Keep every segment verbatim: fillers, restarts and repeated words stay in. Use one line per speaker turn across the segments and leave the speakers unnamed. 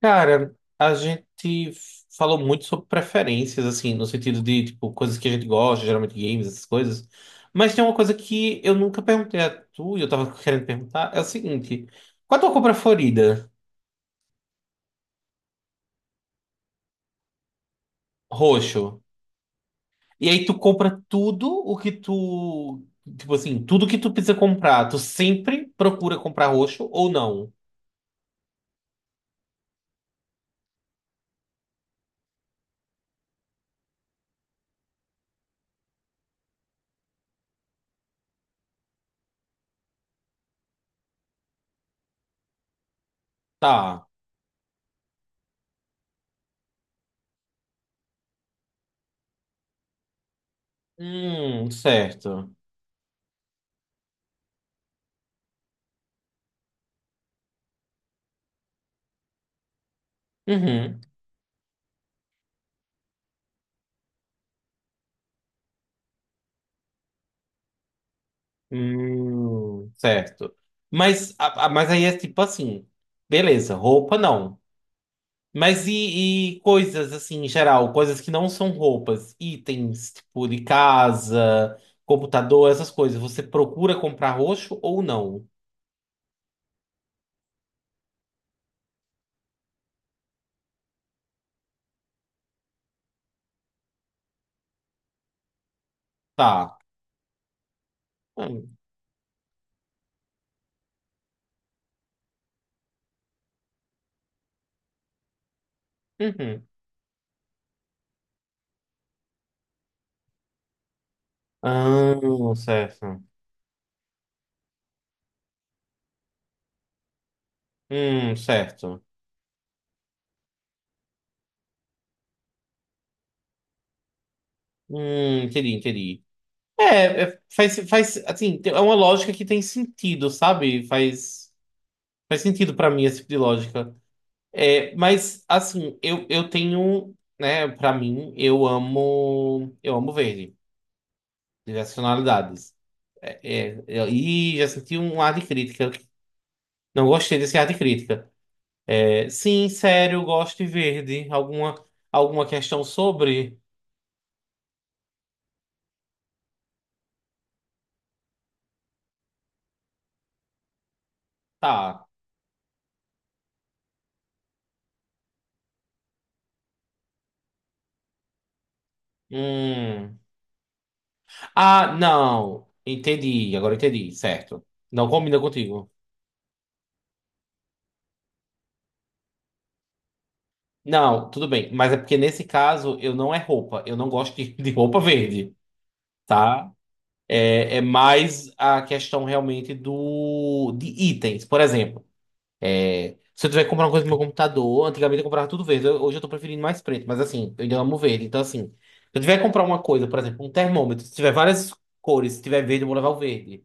Cara, a gente falou muito sobre preferências, assim, no sentido de, tipo, coisas que a gente gosta, geralmente games, essas coisas. Mas tem uma coisa que eu nunca perguntei a tu e eu tava querendo perguntar, é o seguinte. Qual a tua compra favorita? Roxo. E aí tu compra tudo o que tu... Tipo assim, tudo que tu precisa comprar, tu sempre procura comprar roxo ou não? Tá. Hum, certo. Uhum. Hum, certo. Mas, a- a- mas aí é tipo assim, beleza, roupa não. Mas e, e coisas assim, em geral, coisas que não são roupas, itens, tipo de casa, computador, essas coisas, você procura comprar roxo ou não? Tá. Hum, uhum. Ah, certo. Hum, certo. Hum, entendi, entendi. É, é, faz, faz, assim, é uma lógica que tem sentido, sabe? Faz, faz sentido pra mim esse tipo de lógica. É, mas assim, eu, eu tenho, né, pra mim, eu amo, eu amo verde, diversas tonalidades. É, é, eu- e já senti um ar de crítica. Não gostei desse ar de crítica. É, sim, sério, eu gosto de verde. Alguma, alguma questão sobre? Tá. Hum. Ah, não. Entendi, agora entendi, certo. Não combina contigo. Não, tudo bem, mas é porque nesse caso eu não é roupa, eu não gosto de de roupa verde, tá? É, é mais a questão realmente do de itens. Por exemplo, se eu tiver que comprar uma coisa no meu computador, antigamente eu comprava tudo verde. Eu- hoje eu tô preferindo mais preto, mas assim, eu ainda amo verde. Então, assim, se eu tiver que comprar uma coisa, por exemplo, um termômetro, se tiver várias cores, se tiver verde, eu vou levar o verde.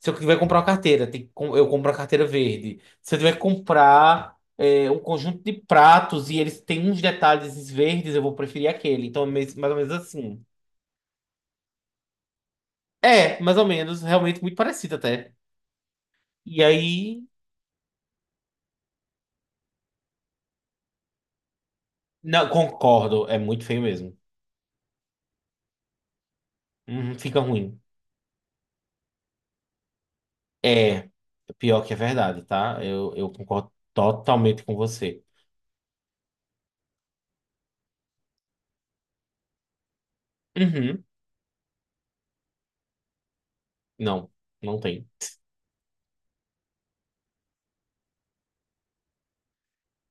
Se eu tiver que comprar uma carteira, tem que com- eu compro a carteira verde. Se eu tiver que comprar é, um conjunto de pratos e eles têm uns detalhes verdes, eu vou preferir aquele. Então, é mais mais ou menos assim. É, mais ou menos, realmente muito parecido até. E aí. Não, concordo, é muito feio mesmo. Uhum, fica ruim. É, pior que é verdade, tá? Eu, eu concordo totalmente com você. Uhum, não, não tem.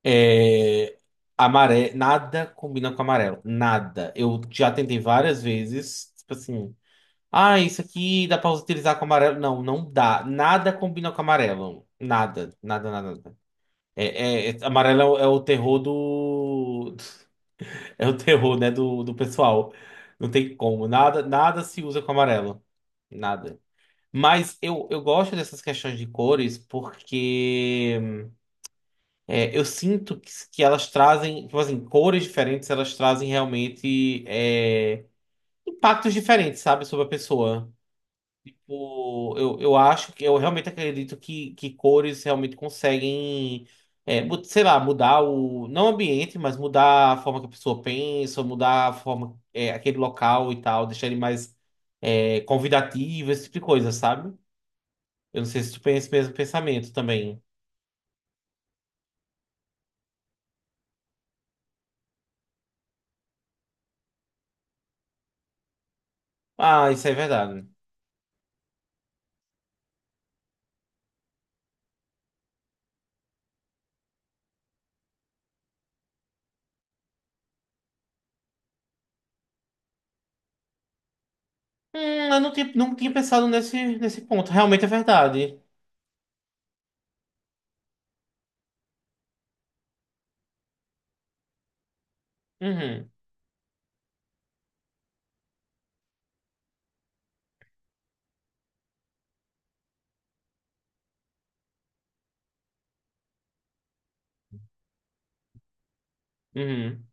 É, amare... Nada combina com amarelo, nada. Eu já tentei várias vezes, tipo assim, ah, isso aqui dá pra utilizar com amarelo. Não, não dá. Nada combina com amarelo. Nada, nada, nada, nada. É, é- é- amarelo é o é o terror do. É o terror, né, do, do pessoal. Não tem como. Nada, nada se usa com amarelo. Nada. Mas eu, eu gosto dessas questões de cores porque é, eu sinto que, que elas trazem, tipo assim, cores diferentes, elas trazem realmente é, impactos diferentes, sabe, sobre a pessoa. O, eu, eu acho que eu realmente acredito que, que cores realmente conseguem, é, mu- sei lá, mudar o, não o ambiente, mas mudar a forma que a pessoa pensa, mudar a forma, é, aquele local e tal, deixar ele mais é, convidativo, esse tipo de coisa, sabe? Eu não sei se tu pensa esse mesmo pensamento também. Ah, isso é verdade. Hum, eu não tinha, não tinha pensado nesse, nesse ponto. Realmente é verdade. Uhum, uhum,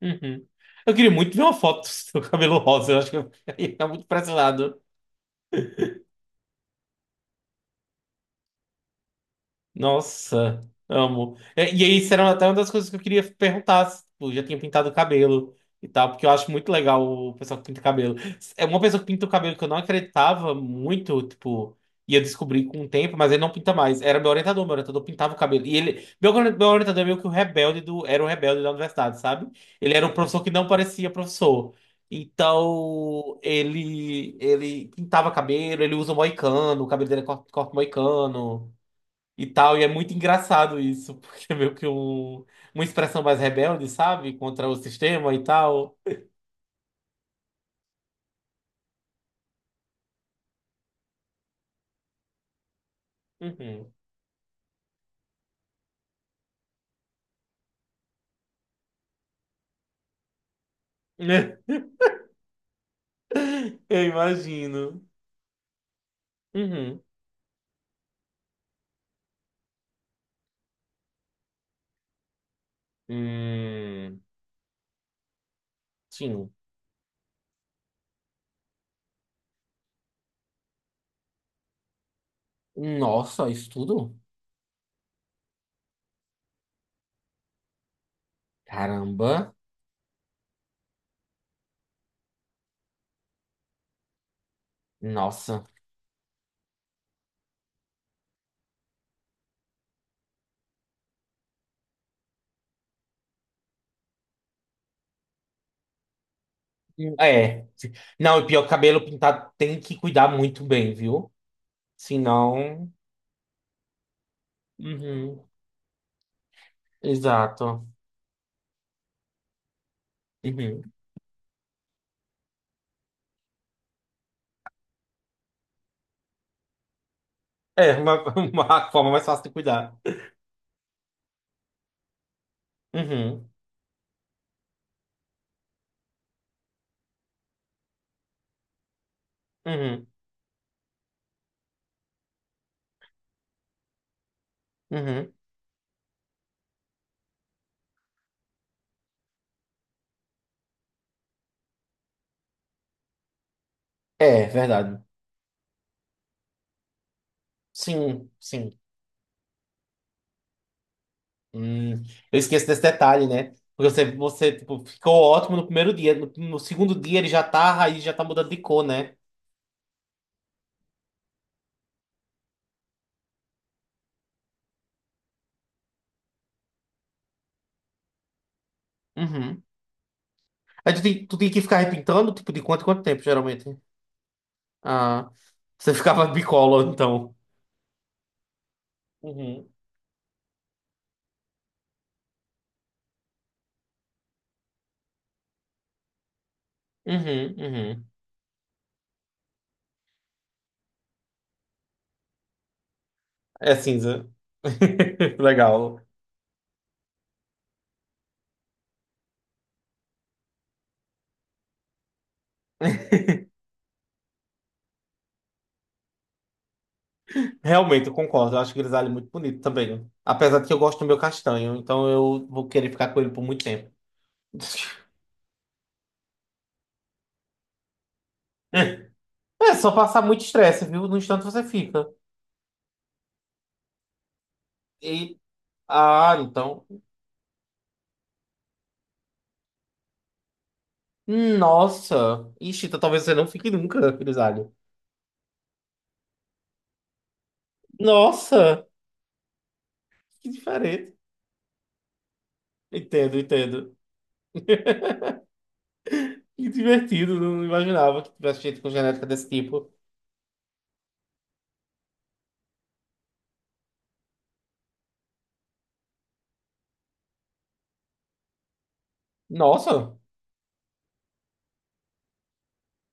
uhum. Eu queria muito ver uma foto do seu cabelo rosa, eu acho que eu ia ficar muito impressionado. Nossa, amo. É, e aí, isso era até uma das coisas que eu queria perguntar, se, tipo, já tinha pintado o cabelo e tal, porque eu acho muito legal o pessoal que pinta cabelo. É uma pessoa que pinta o cabelo que eu não acreditava muito, tipo, ia descobrir com o tempo, mas ele não pinta mais. Era meu orientador, meu orientador pintava o cabelo. E ele, meu, ori- meu orientador é meio que o rebelde do, era o rebelde da universidade, sabe? Ele era um professor que não parecia professor. Então, ele ele pintava cabelo, ele usa moicano, o cabelo dele é corte, corte moicano e tal. E é muito engraçado isso, porque é meio que um, uma expressão mais rebelde, sabe? Contra o sistema e tal. Uhum. Eu imagino. Uhum. Hum, sim. Nossa, isso tudo? Caramba. Nossa. É. Não, e pior, cabelo pintado tem que cuidar muito bem, viu? Senão. Uhum. Exato. Uhum. É, uma, uma forma mais fácil de cuidar. Uhum. Uhum. Uhum. É, verdade. Sim, sim. Hum, eu esqueço desse detalhe, né? Porque você, você tipo, ficou ótimo no primeiro dia. No, no segundo dia ele já tá, a raiz já tá mudando de cor, né? Uhum. Aí tu tem, tu tem que ficar repintando, tipo, de quanto em quanto tempo, geralmente? Ah, você ficava bicolor, então. Uhum. Uhum, uhum. É cinza. Legal. Realmente, eu concordo. Eu acho o grisalho muito bonito também. Apesar de que eu gosto do meu castanho, então eu vou querer ficar com ele por muito tempo. É só passar muito estresse, viu? No instante você fica. E... Ah, então. Nossa. Ixi, então talvez você não fique nunca, Grisalho. Nossa, que diferente. Entendo, entendo. Que divertido, não imaginava que tivesse gente com genética desse tipo. Nossa.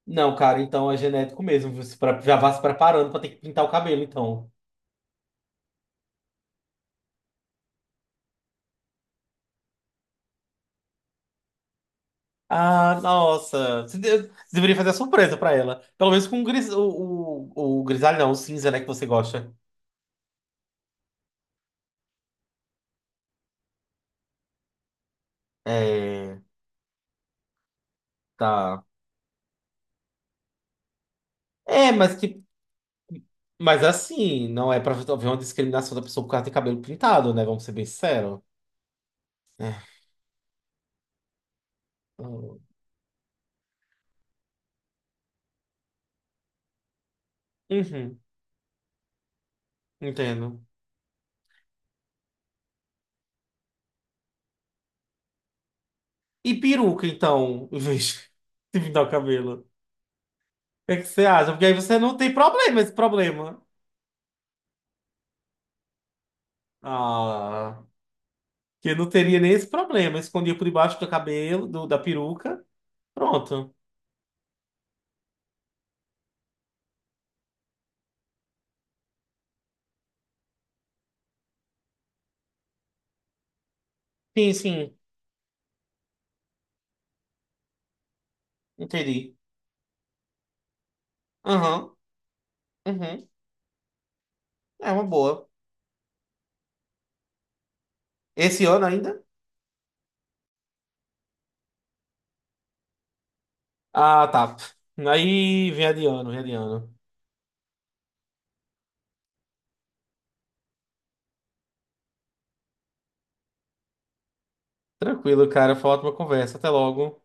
Não, cara, então é genético mesmo. Você pra- já vá se preparando pra ter que pintar o cabelo, então. Ah, nossa. Você de- deveria fazer a surpresa pra ela. Pelo menos com o, gris... o, o, o grisalho, não, o cinza, né, que você gosta. É. Tá. É, mas que. Mas assim, não é pra haver uma discriminação da pessoa por causa de cabelo pintado, né? Vamos ser bem sinceros. É. Uhum, entendo. E peruca, então, em vez de pintar o cabelo. O que é que você acha? Porque aí você não tem problema, esse problema. Ah, que eu não teria nem esse problema. Eu Escondia por debaixo do cabelo, do- da peruca. Pronto. Sim, sim, entendi. Aham, uhum, É uma boa. Esse ano ainda? Ah, tá. Aí vem adiando, vem adiando. Tranquilo, cara. Foi uma ótima conversa. Até logo.